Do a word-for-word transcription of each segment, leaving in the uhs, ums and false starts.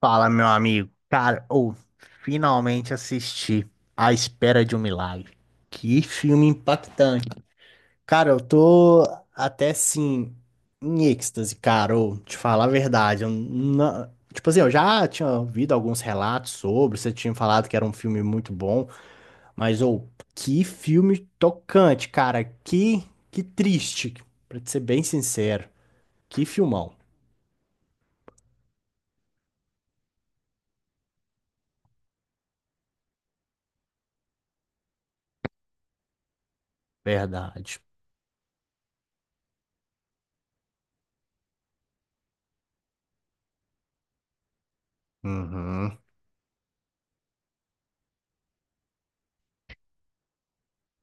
Fala, meu amigo. Cara, ou finalmente assisti A Espera de um Milagre. Que filme impactante. Cara, eu tô até assim em êxtase, cara. Ou, te falar a verdade, eu não... Tipo assim, eu já tinha ouvido alguns relatos sobre, você tinha falado que era um filme muito bom, mas ou que filme tocante, cara. Que que triste, pra te ser bem sincero. Que filmão. Verdade. Uhum.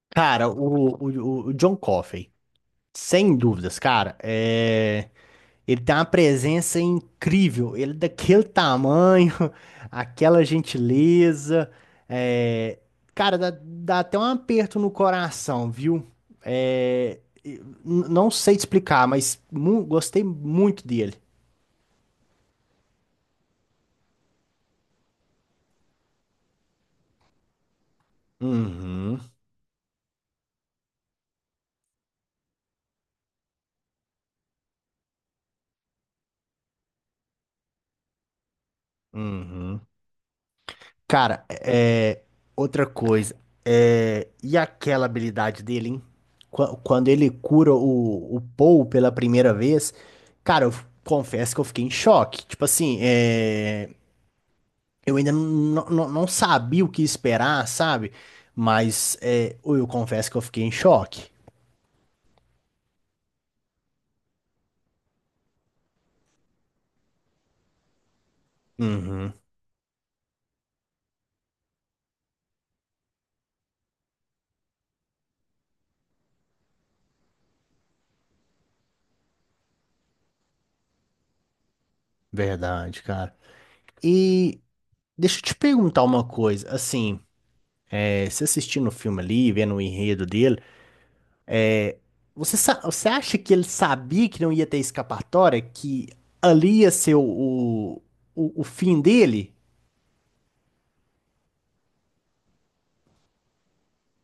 Cara, o, o, o John Coffey, sem dúvidas, cara, é... ele tem uma presença incrível. Ele é daquele tamanho, aquela gentileza. é, Cara, dá, dá até um aperto no coração, viu? É, e- n- Não sei te explicar, mas mu- gostei muito dele. Uhum, uhum. Cara, é, outra coisa. É, e aquela habilidade dele, hein? Qua- Quando ele cura o, o Paul pela primeira vez, cara, eu f- confesso que eu fiquei em choque. Tipo assim, é, eu ainda não, não, não sabia o que esperar, sabe? Mas é, eu confesso que eu fiquei em choque. Uhum, verdade, cara. E deixa eu te perguntar uma coisa. Assim, é, você assistindo o filme ali, vendo o enredo dele. Você, sa- você acha que ele sabia que não ia ter escapatória? Que ali ia ser o, o, o, o fim dele?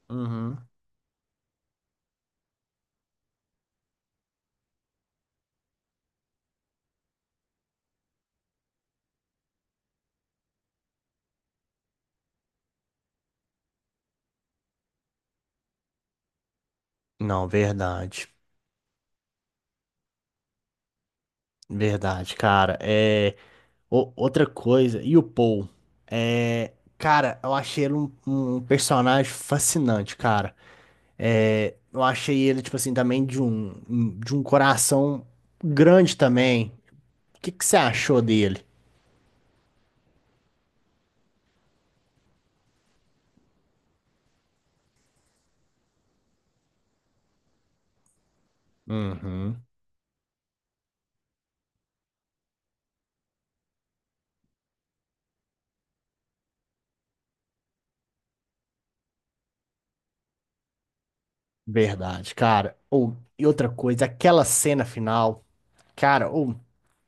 Uhum. Não, verdade. Verdade, cara. É, o- outra coisa, e o Paul? É, cara, eu achei ele um, um personagem fascinante, cara. É, eu achei ele, tipo assim, também de um, um- de um coração grande também. O que que você achou dele? Uhum. Verdade, cara. Ou, e outra coisa, aquela cena final, cara, ou,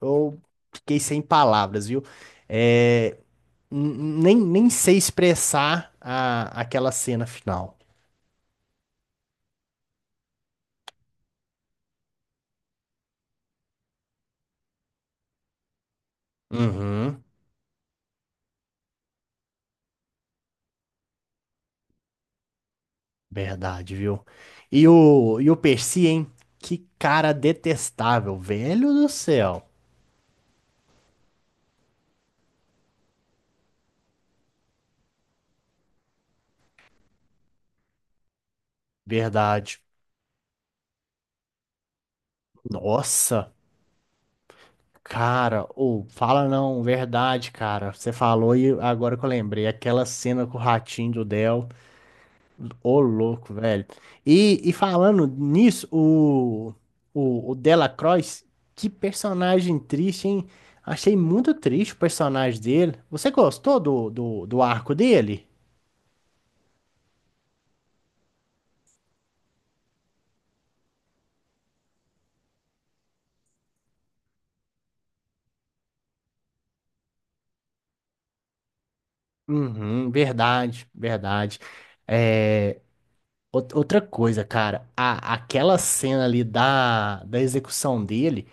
eu fiquei sem palavras, viu? É, n- n- nem, nem sei expressar a, aquela cena final. Uhum, verdade, viu? E o, e o Percy, hein? Que cara detestável, velho do céu. Verdade. Nossa, cara, ou fala não, verdade, cara. Você falou e agora que eu lembrei, aquela cena com o ratinho do Del. Ô, louco, velho. E, e falando nisso, o, o, o Delacroix, que personagem triste, hein? Achei muito triste o personagem dele. Você gostou do, do, do arco dele? Uhum, verdade, verdade. É, ou- outra coisa, cara, a, aquela cena ali da, da execução dele.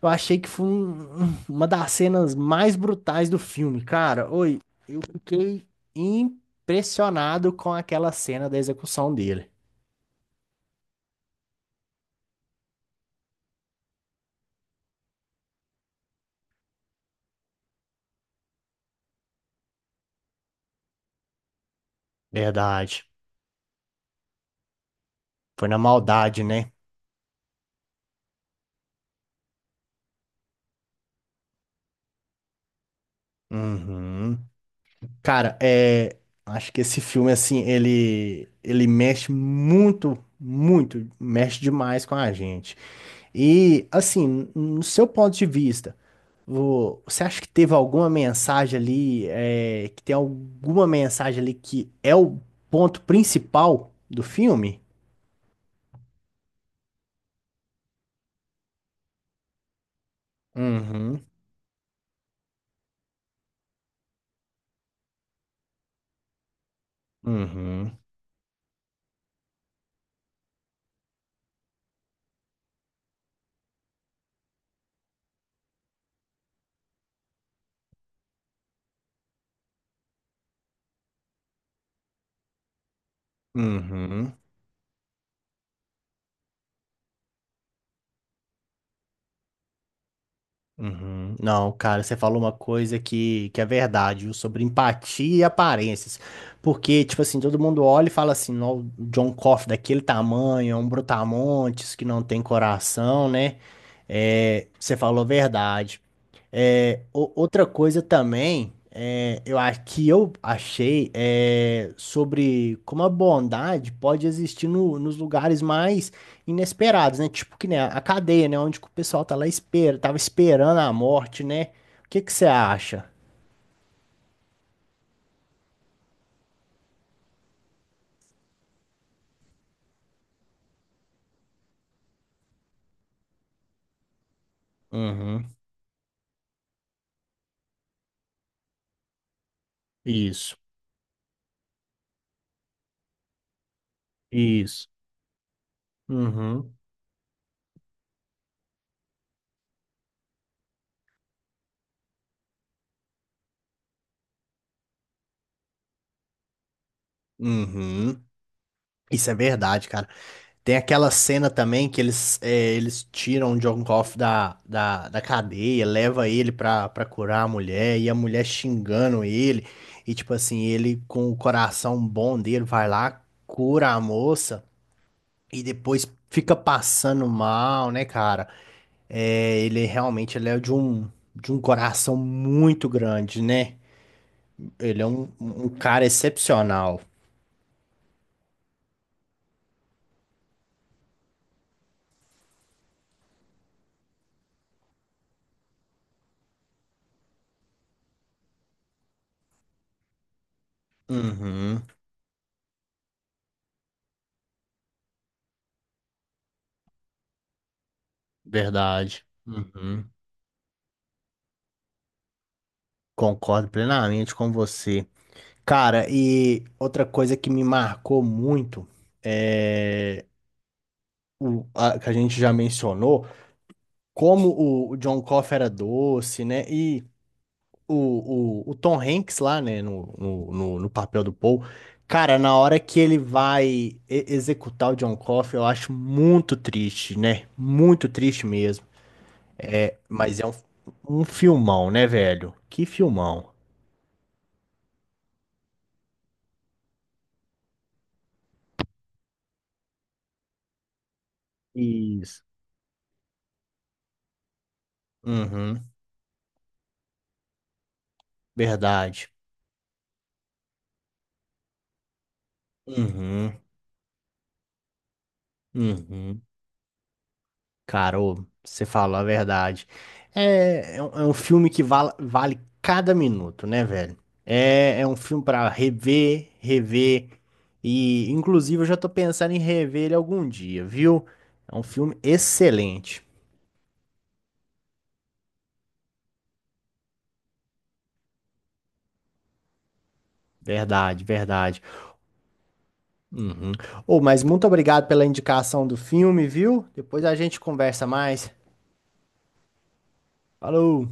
Eu achei que foi um- um, uma das cenas mais brutais do filme, cara. Oi, eu fiquei impressionado com aquela cena da execução dele. Verdade. Foi na maldade, né? Uhum. Cara, é, acho que esse filme, assim, ele, ele mexe muito, muito, mexe demais com a gente. E, assim, no seu ponto de vista, vo- você acha que teve alguma mensagem ali, é, que tem alguma mensagem ali que é o ponto principal do filme? Uhum, uhum, uhum, uhum. Não, cara, você falou uma coisa que, que é verdade, viu, sobre empatia e aparências. Porque, tipo assim, todo mundo olha e fala assim, "Nó, o John Coffey daquele tamanho, é um brutamontes que não tem coração, né? É, você falou a verdade. É, o- outra coisa também, é, eu acho que eu achei é, sobre como a bondade pode existir no- nos lugares mais inesperados, né? Tipo que né, a cadeia, né? Onde que o pessoal tá lá espera, tava esperando a morte, né? O que que você acha? Uhum. Isso, isso. Uhum. Uhum. Isso é verdade, cara. Tem aquela cena também que eles, é, eles tiram o John Goff da, da, da cadeia, leva ele pra, pra curar a mulher, e a mulher xingando ele, e tipo assim, ele com o coração bom dele vai lá, cura a moça, e depois fica passando mal, né, cara? É, ele realmente ele é de um, de um coração muito grande, né? Ele é um, um cara excepcional. Uhum, verdade. Uhum. Concordo plenamente com você. Cara, e outra coisa que me marcou muito é o a, que a gente já mencionou, como o, o John Coffey era doce, né? E o, o, o Tom Hanks lá, né, no, no, no, no papel do Paul. Cara, na hora que ele vai e- executar o John Coffey, eu acho muito triste, né? Muito triste mesmo. Mas é um, um filmão, né, velho? Que filmão. Isso. Uhum, verdade. Uhum, uhum. Cara, ô, você falou a verdade. É, é um, é um filme que val- vale cada minuto, né, velho? É, é um filme pra rever, rever. E, inclusive, eu já tô pensando em rever ele algum dia, viu? É um filme excelente. Verdade, verdade. Uhum. Ô, mas muito obrigado pela indicação do filme, viu? Depois a gente conversa mais. Falou!